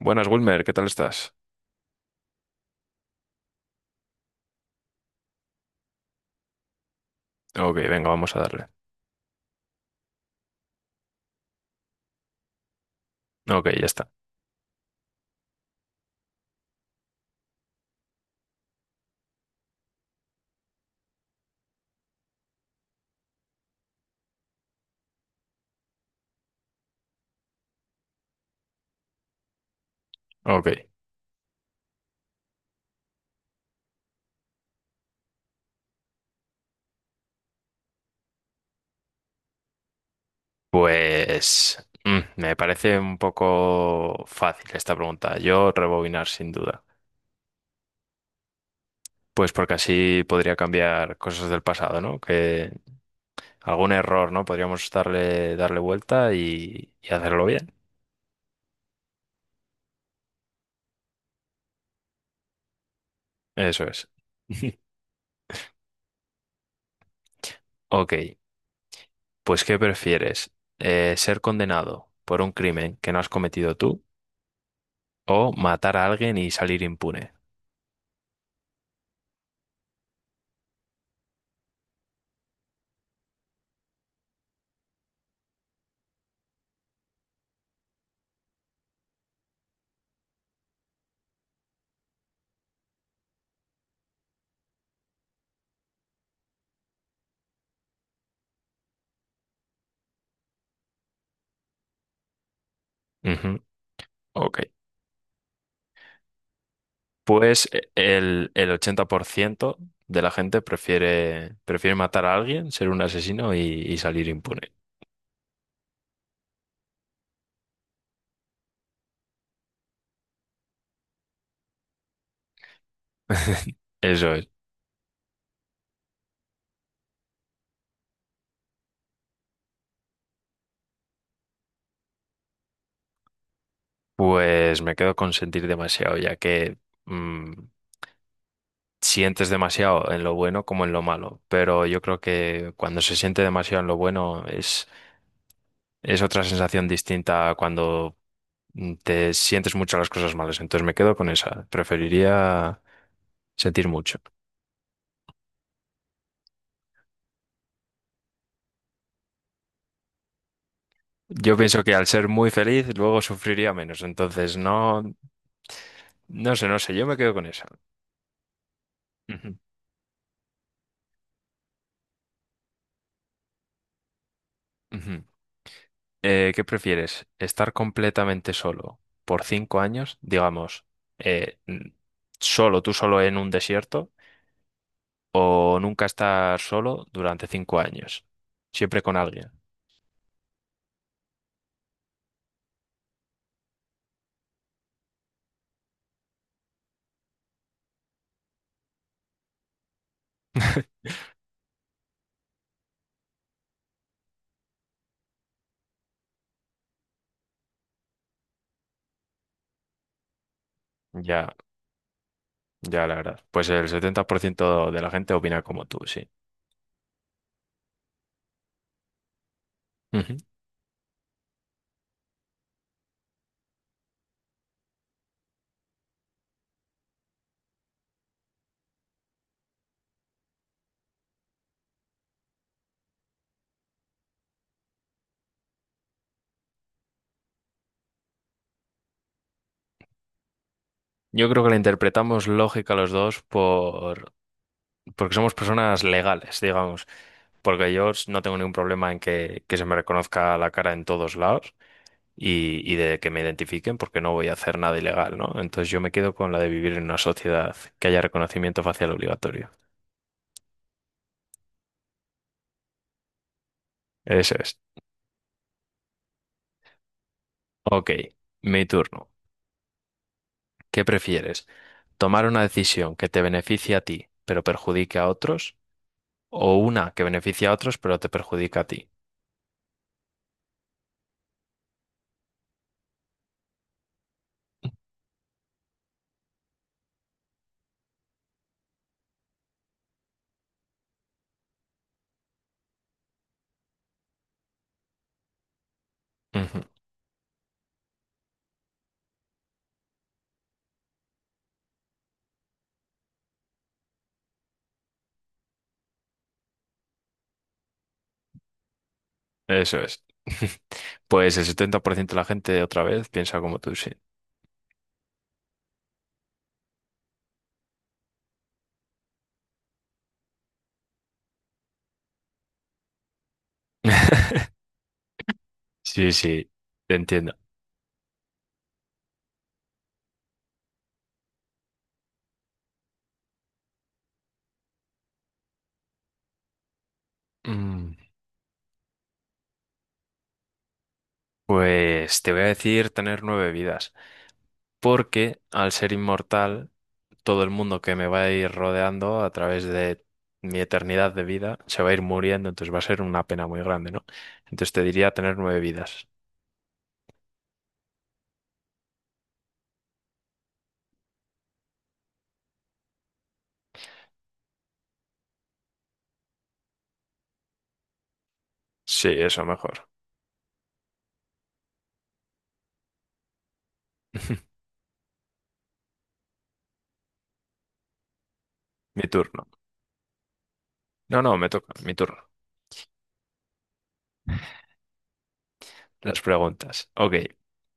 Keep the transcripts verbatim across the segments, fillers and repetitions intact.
Buenas, Wilmer, ¿qué tal estás? Ok, venga, vamos a darle. Ok, ya está. Ok. Pues mm, me parece un poco fácil esta pregunta. Yo rebobinar sin duda. Pues porque así podría cambiar cosas del pasado, ¿no? Que algún error, ¿no? Podríamos darle, darle vuelta y, y hacerlo bien. Eso es. Ok, pues ¿qué prefieres? Eh, ¿ser condenado por un crimen que no has cometido tú o matar a alguien y salir impune? Ujú. Ok. Pues eh, el, el ochenta por ciento de la gente prefiere, prefiere matar a alguien, ser un asesino y, y salir impune. Eso es. Pues me quedo con sentir demasiado, ya que mm, sientes demasiado en lo bueno como en lo malo. Pero yo creo que cuando se siente demasiado en lo bueno es, es otra sensación distinta a cuando mm, te sientes mucho las cosas malas. Entonces me quedo con esa. Preferiría sentir mucho. Yo pienso que al ser muy feliz, luego sufriría menos. Entonces, no, no sé, no sé, yo me quedo con esa. Ujú, ujú. Eh, ¿qué prefieres? ¿Estar completamente solo por cinco años, digamos, eh, n- solo, tú solo en un desierto, o nunca estar solo durante cinco años, siempre con alguien? Ya, ya, la verdad. Pues el setenta por ciento de la gente opina como tú, sí. Ujú. Yo creo que la interpretamos lógica los dos por, porque somos personas legales, digamos. Porque yo s- no tengo ningún problema en que, que se me reconozca la cara en todos lados y, y de que me identifiquen porque no voy a hacer nada ilegal, ¿no? Entonces yo me quedo con la de vivir en una sociedad que haya reconocimiento facial obligatorio. Eso es. Ok, mi turno. ¿Qué prefieres? ¿Tomar una decisión que te beneficie a ti pero perjudique a otros o una que beneficie a otros pero te perjudica a ti? Ujú. Eso es. Pues el setenta por ciento de la gente otra vez piensa como tú, sí. Sí, sí, te entiendo. Mm, Pues te voy a decir tener nueve vidas, porque al ser inmortal, todo el mundo que me va a ir rodeando a través de mi eternidad de vida se va a ir muriendo, entonces va a ser una pena muy grande, ¿no? Entonces te diría tener nueve vidas. Sí, eso mejor. Mi turno. No, no, me toca, mi turno. Las preguntas. Ok.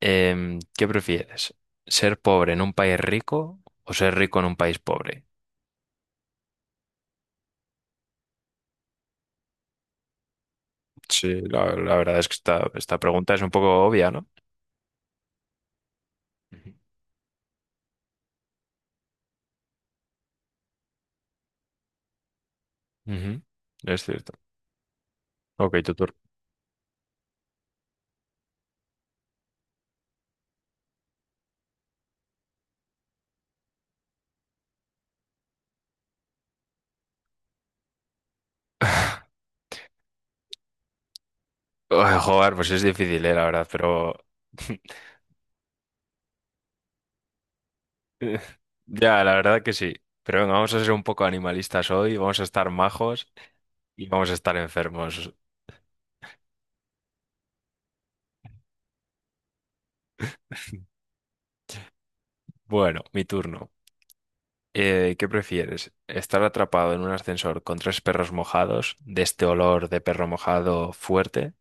Em, ¿qué prefieres? ¿Ser pobre en un país rico o ser rico en un país pobre? Sí, la, la verdad es que esta, esta pregunta es un poco obvia, ¿no? Ujú. Ujú, es cierto. Ok, tu turno. Ay, Joder, pues es difícil, eh, la verdad, pero... Eh, Ya, la verdad que sí. Pero venga, vamos a ser un poco animalistas hoy, vamos a estar majos y vamos a estar enfermos. Bueno, mi turno. Eh, ¿qué prefieres? ¿Estar atrapado en un ascensor con tres perros mojados, de este olor de perro mojado fuerte,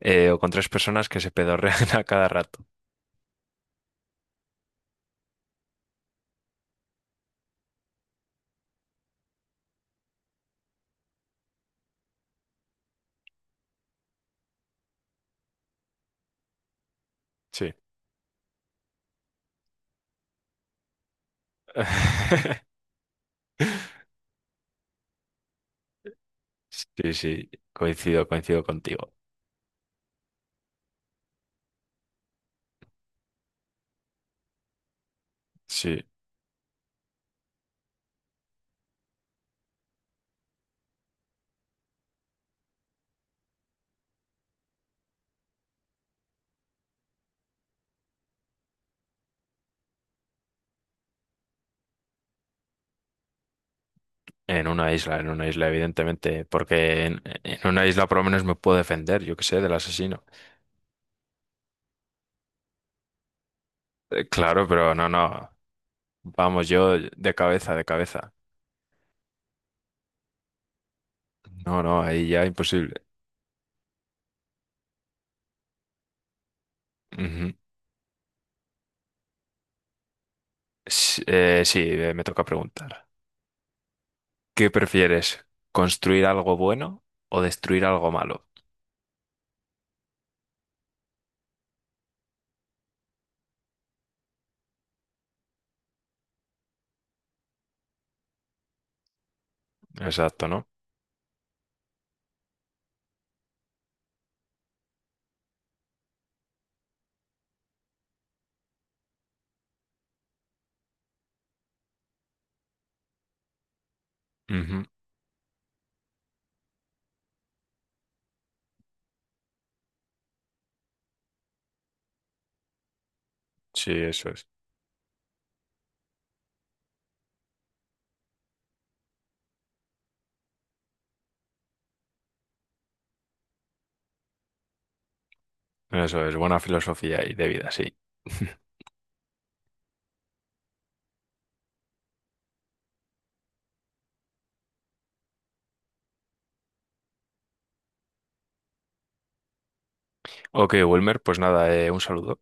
eh, o con tres personas que se pedorrean a cada rato? Sí. Sí, sí, coincido, coincido contigo. Sí, en una isla, en una isla, evidentemente, porque en, en una isla por lo menos me puedo defender, yo qué sé, del asesino. Eh, claro, pero no, no, vamos, yo de cabeza, de cabeza. No, no, ahí ya imposible. Ujú. S- eh, sí, eh, me toca preguntar. ¿Qué prefieres? ¿Construir algo bueno o destruir algo malo? Exacto, ¿no? Ujú. Sí, eso es. Eso es, buena filosofía y de vida, sí. Ok, Wilmer, pues nada, eh, un saludo.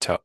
Chao.